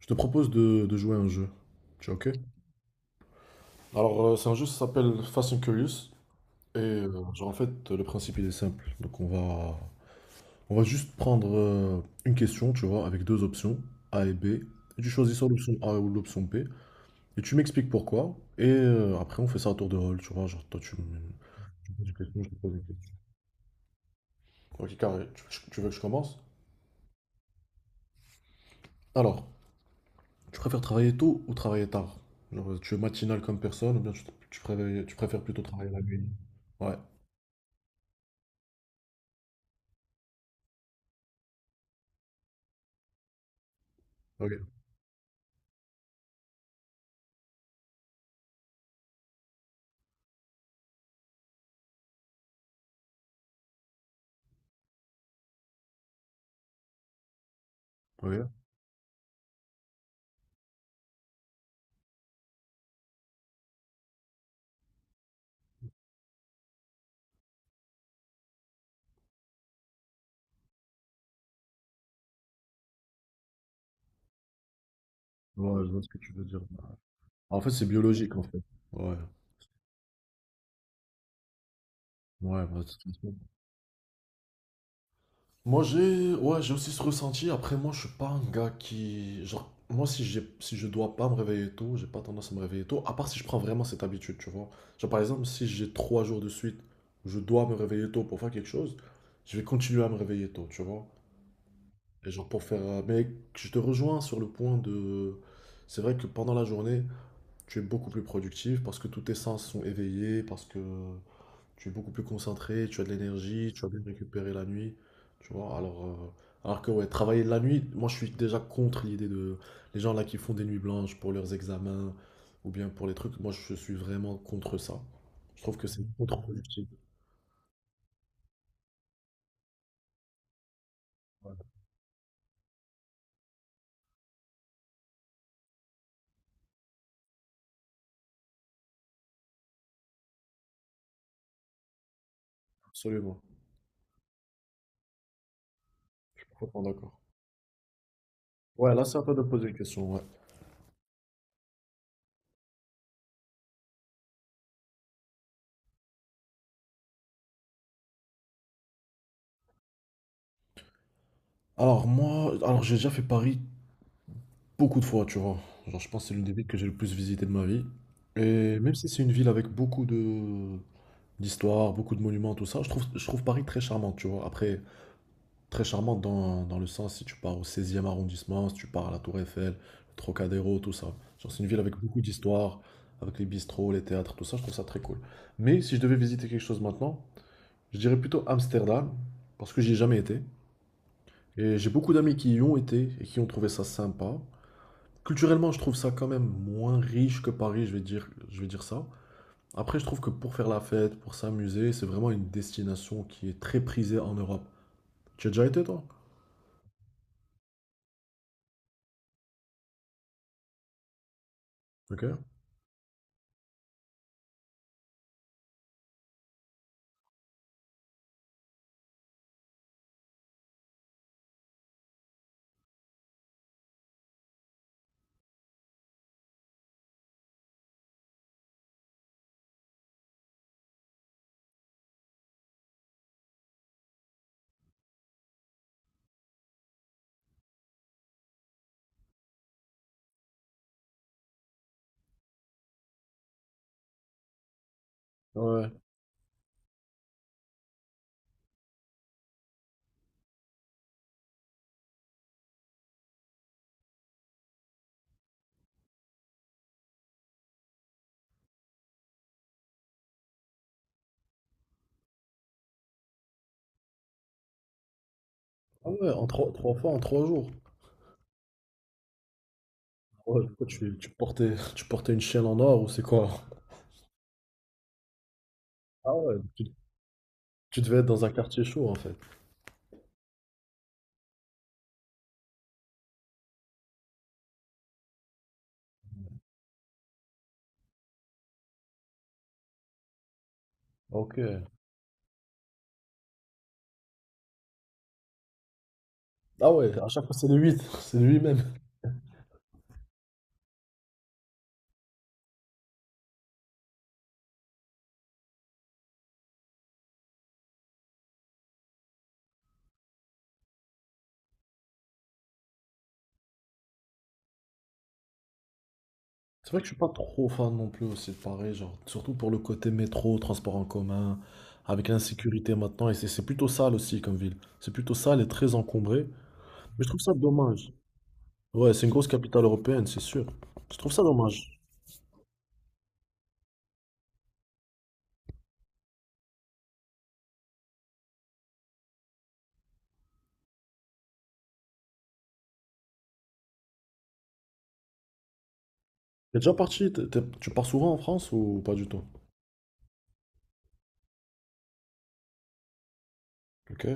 Je te propose de jouer à un jeu. Tu es OK? Alors, c'est un jeu qui s'appelle Fast and Curious. Et le principe, il est simple. Donc, on va juste prendre une question, tu vois, avec deux options, A et B. Et tu choisis soit l'option A ou l'option B. Et tu m'expliques pourquoi. Et après, on fait ça à tour de rôle, tu vois. Genre, toi, tu me poses une question, je te pose une question. OK, carré. Tu veux que je commence? Alors, tu préfères travailler tôt ou travailler tard? Genre, tu es matinal comme personne ou bien tu préfères plutôt travailler la nuit? Ouais. Ok, ok. Ouais, je vois ce que tu veux dire. En fait, c'est biologique, en fait. Ouais, ouais, bah, de toute façon. Moi, ouais, j'ai aussi ce ressenti. Après, moi, je suis pas un gars qui, genre, moi, si je dois pas me réveiller tôt, j'ai pas tendance à me réveiller tôt. À part si je prends vraiment cette habitude, tu vois. Genre, par exemple, si j'ai trois jours de suite où je dois me réveiller tôt pour faire quelque chose, je vais continuer à me réveiller tôt, tu vois. Et genre pour faire, mais je te rejoins sur le point de, c'est vrai que pendant la journée, tu es beaucoup plus productif parce que tous tes sens sont éveillés, parce que tu es beaucoup plus concentré, tu as de l'énergie, tu as bien récupéré la nuit, tu vois. Alors que ouais, travailler la nuit, moi je suis déjà contre l'idée de les gens là qui font des nuits blanches pour leurs examens ou bien pour les trucs, moi je suis vraiment contre ça. Je trouve que c'est contre-productif. Ouais, absolument, complètement d'accord. Ouais, là c'est à toi de poser une question, ouais. Alors moi, alors j'ai déjà fait Paris beaucoup de fois, tu vois. Genre, je pense que c'est l'une des villes que j'ai le plus visité de ma vie. Et même si c'est une ville avec beaucoup de d'histoire, beaucoup de monuments, tout ça, je trouve Paris très charmante, tu vois. Après, très charmante dans le sens, si tu pars au 16e arrondissement, si tu pars à la Tour Eiffel, le Trocadéro, tout ça. Genre, c'est une ville avec beaucoup d'histoire, avec les bistrots, les théâtres, tout ça, je trouve ça très cool. Mais si je devais visiter quelque chose maintenant, je dirais plutôt Amsterdam, parce que j'y ai jamais été. Et j'ai beaucoup d'amis qui y ont été et qui ont trouvé ça sympa. Culturellement, je trouve ça quand même moins riche que Paris, je vais dire ça. Après, je trouve que pour faire la fête, pour s'amuser, c'est vraiment une destination qui est très prisée en Europe. Tu as déjà été, toi? Ok. Ouais. Ah ouais, trois fois en trois jours. Ouais, pourquoi tu portais, tu portais une chaîne en or ou c'est quoi? Ah ouais, tu devais être dans un quartier chaud en fait. Ok. Ah ouais, à chaque fois c'est le 8, c'est lui-même. C'est vrai que je suis pas trop fan non plus aussi de Paris, genre, surtout pour le côté métro, transport en commun, avec l'insécurité maintenant, et c'est plutôt sale aussi comme ville. C'est plutôt sale et très encombré, mais je trouve ça dommage. Ouais, c'est une grosse capitale européenne, c'est sûr. Je trouve ça dommage. T'es déjà parti, tu pars souvent en France ou pas du tout? Ok.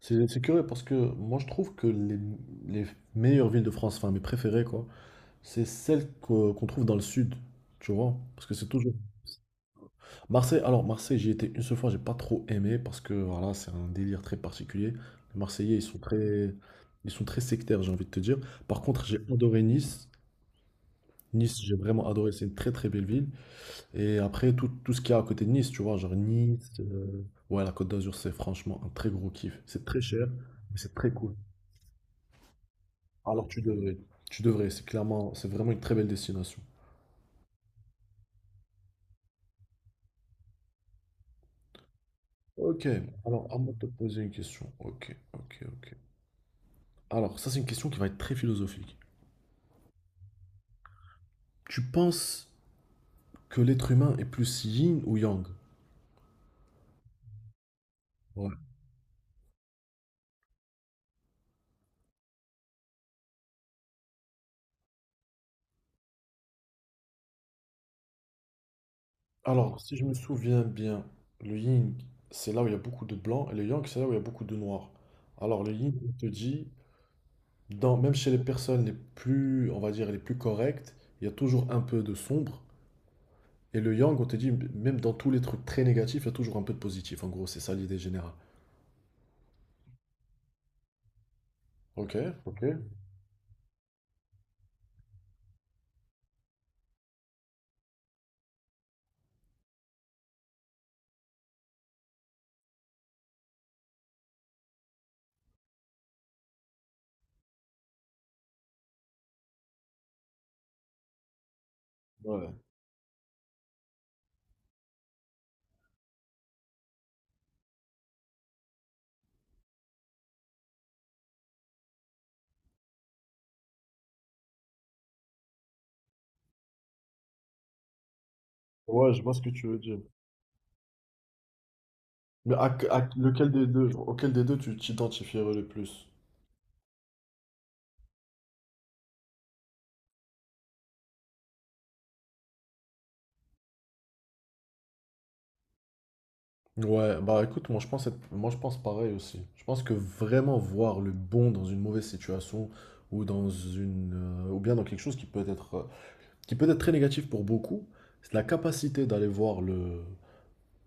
C'est curieux parce que moi je trouve que les meilleures villes de France, enfin mes préférées quoi, c'est qu'on trouve dans le sud, tu vois? Parce que c'est toujours... Marseille, alors Marseille, j'y étais une seule fois, j'ai pas trop aimé parce que voilà, c'est un délire très particulier. Les Marseillais, ils sont très sectaires, j'ai envie de te dire. Par contre, j'ai adoré Nice. Nice, j'ai vraiment adoré, c'est une très très belle ville. Et après, tout ce qu'il y a à côté de Nice, tu vois, genre Nice. Ouais, la Côte d'Azur, c'est franchement un très gros kiff. C'est très cher, mais c'est très cool. Alors tu devrais, tu devrais, c'est clairement, c'est vraiment une très belle destination. Ok, alors à moi de te poser une question. Ok, ok, ok. Alors, ça, c'est une question qui va être très philosophique. Tu penses que l'être humain est plus yin ou yang? Ouais. Alors, si je me souviens bien, le yin, c'est là où il y a beaucoup de blanc, et le yang, c'est là où il y a beaucoup de noir. Alors, le yin, on te dit, même chez les personnes les plus, on va dire, les plus correctes, il y a toujours un peu de sombre. Et le yang, on te dit, même dans tous les trucs très négatifs, il y a toujours un peu de positif. En gros, c'est ça l'idée générale. Ok, ok. Ouais. Ouais, je vois ce que tu veux dire. Mais à lequel des deux, auquel des deux tu t'identifierais le plus? Ouais, bah écoute, moi je pense pareil aussi. Je pense que vraiment voir le bon dans une mauvaise situation ou dans une ou bien dans quelque chose qui peut être très négatif pour beaucoup, c'est la capacité d'aller voir le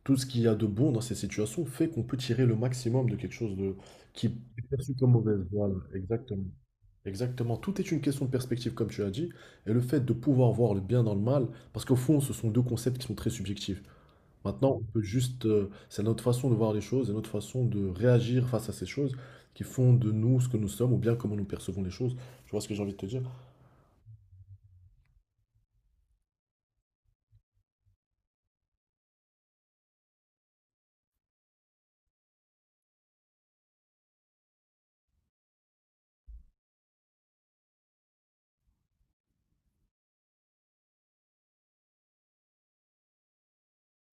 tout ce qu'il y a de bon dans ces situations fait qu'on peut tirer le maximum de quelque chose de qui est perçu comme mauvaise. Voilà, exactement. Exactement, tout est une question de perspective comme tu as dit et le fait de pouvoir voir le bien dans le mal parce qu'au fond, ce sont deux concepts qui sont très subjectifs. Maintenant, on peut juste, c'est notre façon de voir les choses et notre façon de réagir face à ces choses qui font de nous ce que nous sommes ou bien comment nous percevons les choses. Tu vois ce que j'ai envie de te dire?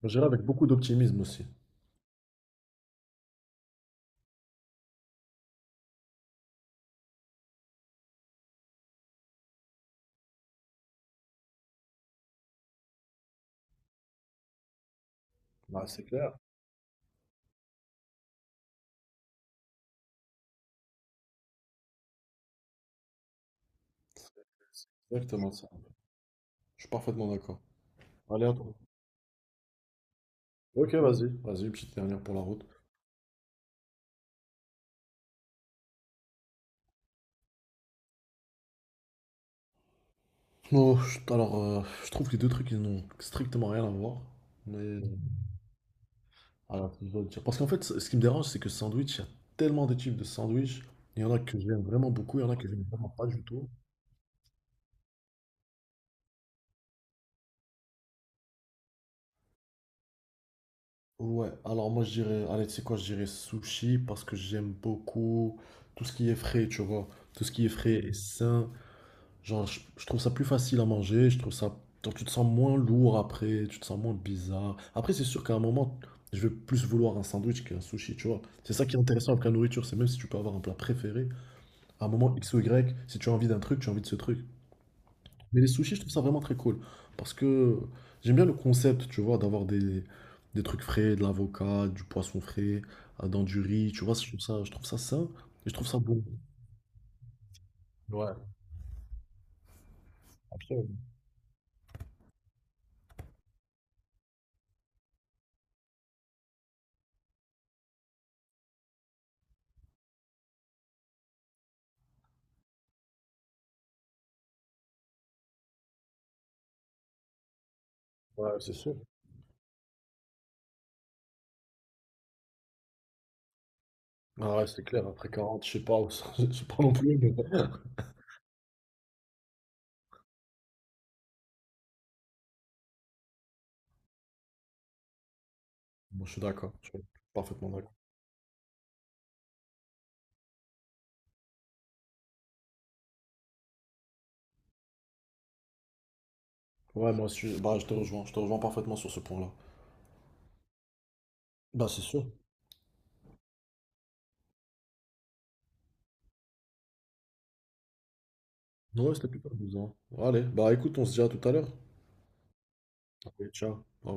Je dirais avec beaucoup d'optimisme aussi. Bah, c'est clair. C'est exactement ça. Je suis parfaitement d'accord. Allez, à toi. Ok, vas-y. Vas-y, petite dernière pour la route. Oh, alors, je trouve que les deux trucs, ils n'ont strictement rien à voir. Mais... euh, Alors, je dois le dire. Parce qu'en fait, ce qui me dérange, c'est que sandwich, il y a tellement de types de sandwich. Il y en a que j'aime vraiment beaucoup, il y en a que j'aime vraiment pas du tout. Ouais, alors moi je dirais, allez, tu sais quoi, je dirais sushi parce que j'aime beaucoup tout ce qui est frais, tu vois, tout ce qui est frais et sain. Genre, je trouve ça plus facile à manger, je trouve ça, genre, tu te sens moins lourd après, tu te sens moins bizarre. Après, c'est sûr qu'à un moment, je vais plus vouloir un sandwich qu'un sushi, tu vois. C'est ça qui est intéressant avec la nourriture, c'est même si tu peux avoir un plat préféré, à un moment X ou Y, si tu as envie d'un truc, tu as envie de ce truc. Mais les sushis, je trouve ça vraiment très cool. Parce que j'aime bien le concept, tu vois, des trucs frais, de l'avocat, du poisson frais, dans du riz, tu vois, je trouve ça sain et je trouve ça bon. Ouais, absolument. Ouais, c'est sûr. Ah ouais, c'est clair, après 40, je sais pas, où ça- je sais pas non plus, mais... Moi, je suis parfaitement d'accord. Ouais, moi aussi, je te rejoins parfaitement sur ce point-là. Bah, c'est sûr. Ouais, c'était plus plutôt amusant. Allez, bah écoute, on se dit à tout à l'heure. Allez, ciao. Au